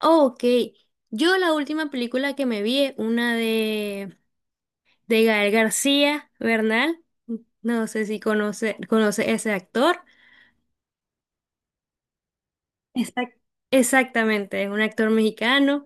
Oh, ok, yo la última película que me vi es una de Gael García Bernal. No sé si conoce ese actor. Exacto. Exactamente, es un actor mexicano.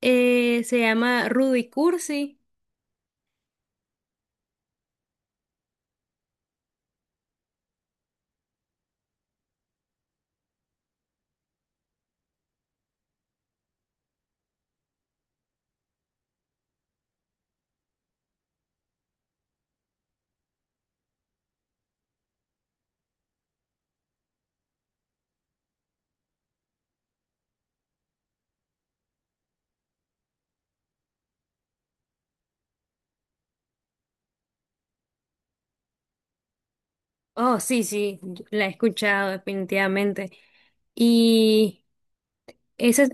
Se llama Rudy Cursi. Oh, sí, sí, la he escuchado definitivamente. Y esa es...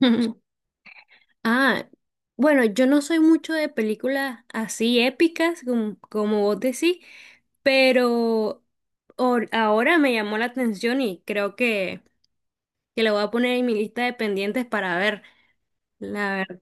Ah, bueno, yo no soy mucho de películas así épicas, como vos decís, pero ahora me llamó la atención y creo que la voy a poner en mi lista de pendientes para ver. La verdad.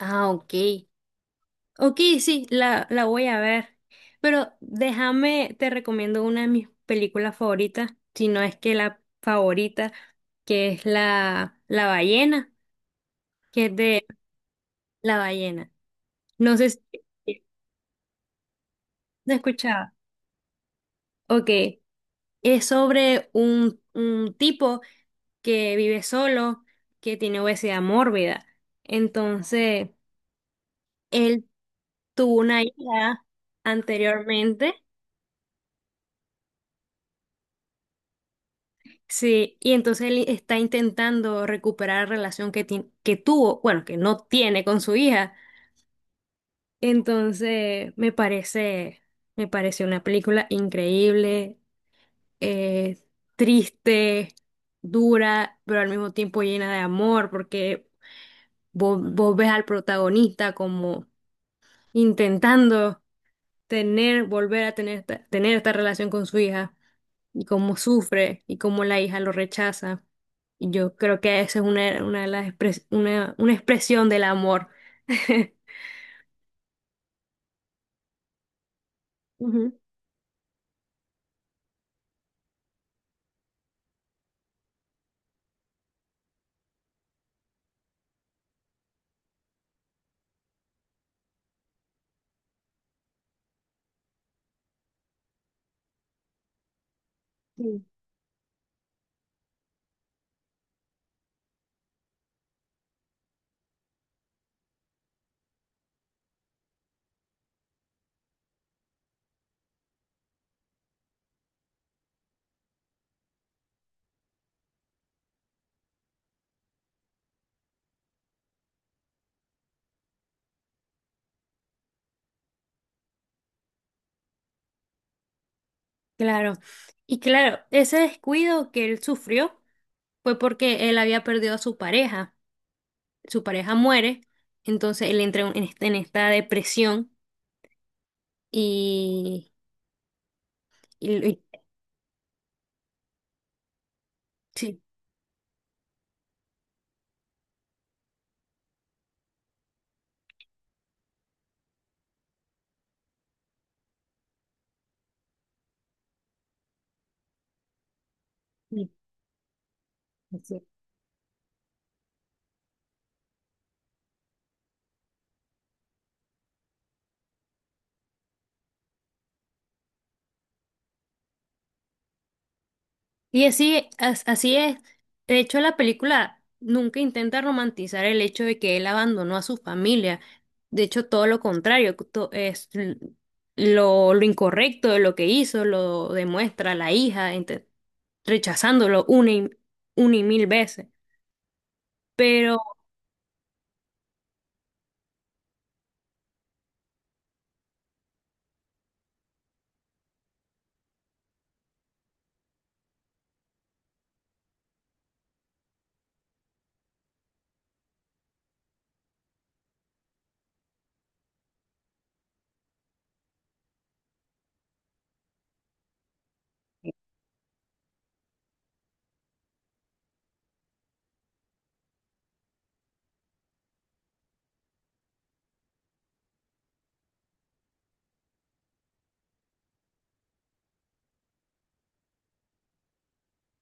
Ah, ok. Ok, sí, la voy a ver. Pero déjame, te recomiendo una de mis películas favoritas, si no es que la favorita, que es la ballena, que es de la ballena. No sé si... No escuchaba. Ok. Es sobre un tipo que vive solo, que tiene obesidad mórbida. Entonces, él tuvo una hija anteriormente, sí, y entonces él está intentando recuperar la relación que tuvo, bueno, que no tiene con su hija. Entonces, me parece una película increíble. eh, Triste, dura, pero al mismo tiempo llena de amor, porque vos ves al protagonista como intentando volver a tener esta relación con su hija, y cómo sufre, y cómo la hija lo rechaza. Y yo creo que esa es una de las una expresión del amor. Ujú, sí. Claro. Y claro, ese descuido que él sufrió fue porque él había perdido a su pareja. Su pareja muere, entonces él entra en en esta depresión y, y- y- sí, y y así, así es. De hecho, la película nunca intenta romantizar el hecho de que él abandonó a su familia. De hecho, todo lo contrario, lo incorrecto de lo que hizo, lo demuestra la hija rechazándolo una una y mil veces. Pero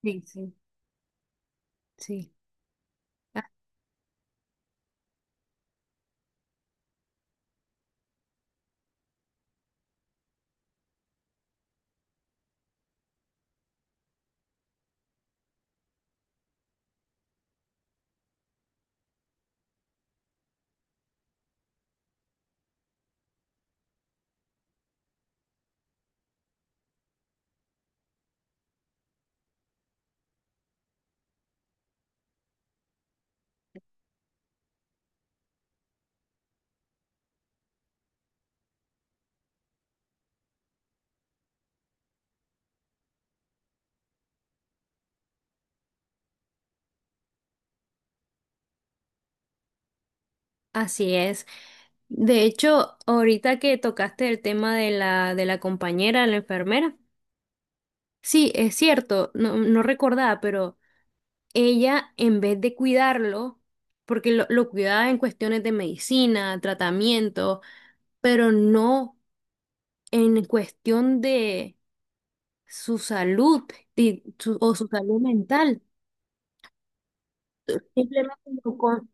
sí, sí, sí. Así es. De hecho, ahorita que tocaste el tema de de la compañera, la enfermera, sí, es cierto, no, no recordaba, pero ella en vez de cuidarlo, porque lo cuidaba en cuestiones de medicina, tratamiento, pero no en cuestión de su salud y su- o su salud mental. Simplemente lo con-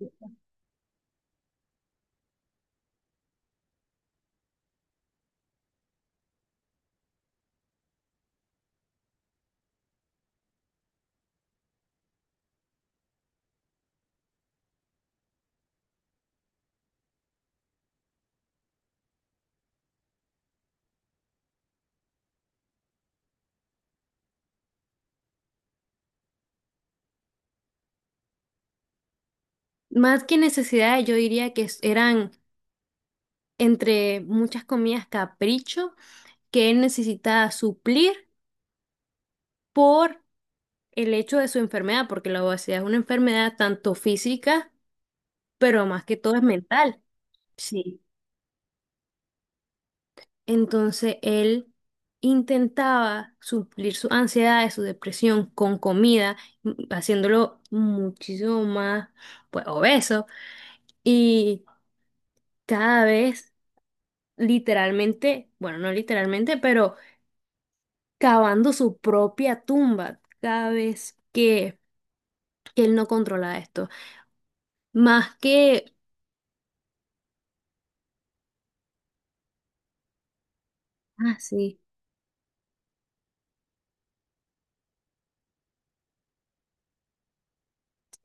más que necesidades, yo diría que eran entre muchas comillas capricho que él necesita suplir por el hecho de su enfermedad, porque la obesidad es una enfermedad tanto física, pero más que todo es mental. Sí. Entonces él intentaba suplir su ansiedad, su depresión con comida, haciéndolo muchísimo más, pues, obeso. Y cada vez, literalmente, bueno, no literalmente, pero cavando su propia tumba cada vez que él no controla esto. Más que, ah, sí,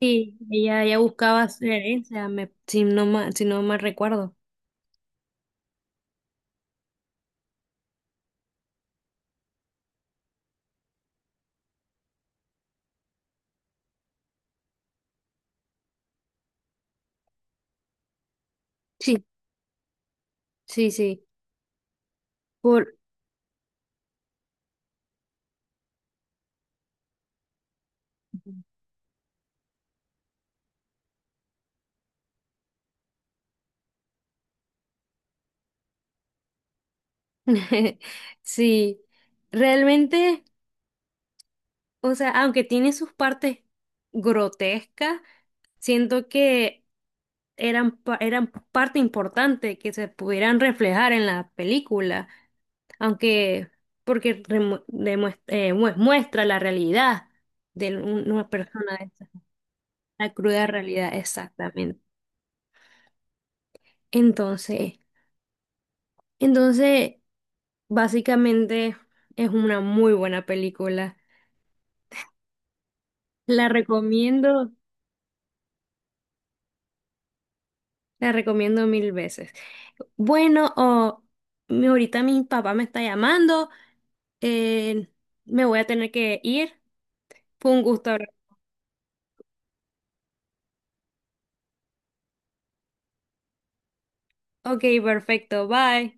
sí, ella buscaba su herencia, si no si no mal recuerdo. Sí, sí, sí. Por... Sí, realmente, o sea, aunque tiene sus partes grotescas, siento que eran parte importante que se pudieran reflejar en la película. Aunque porque muestra la realidad de una persona de esa, la cruda realidad, exactamente. Entonces, entonces, básicamente es una muy buena película. La recomiendo, la recomiendo mil veces. Bueno, o ahorita mi papá me está llamando, eh, me voy a tener que ir. Fue un gusto hablar. Ok, perfecto, bye.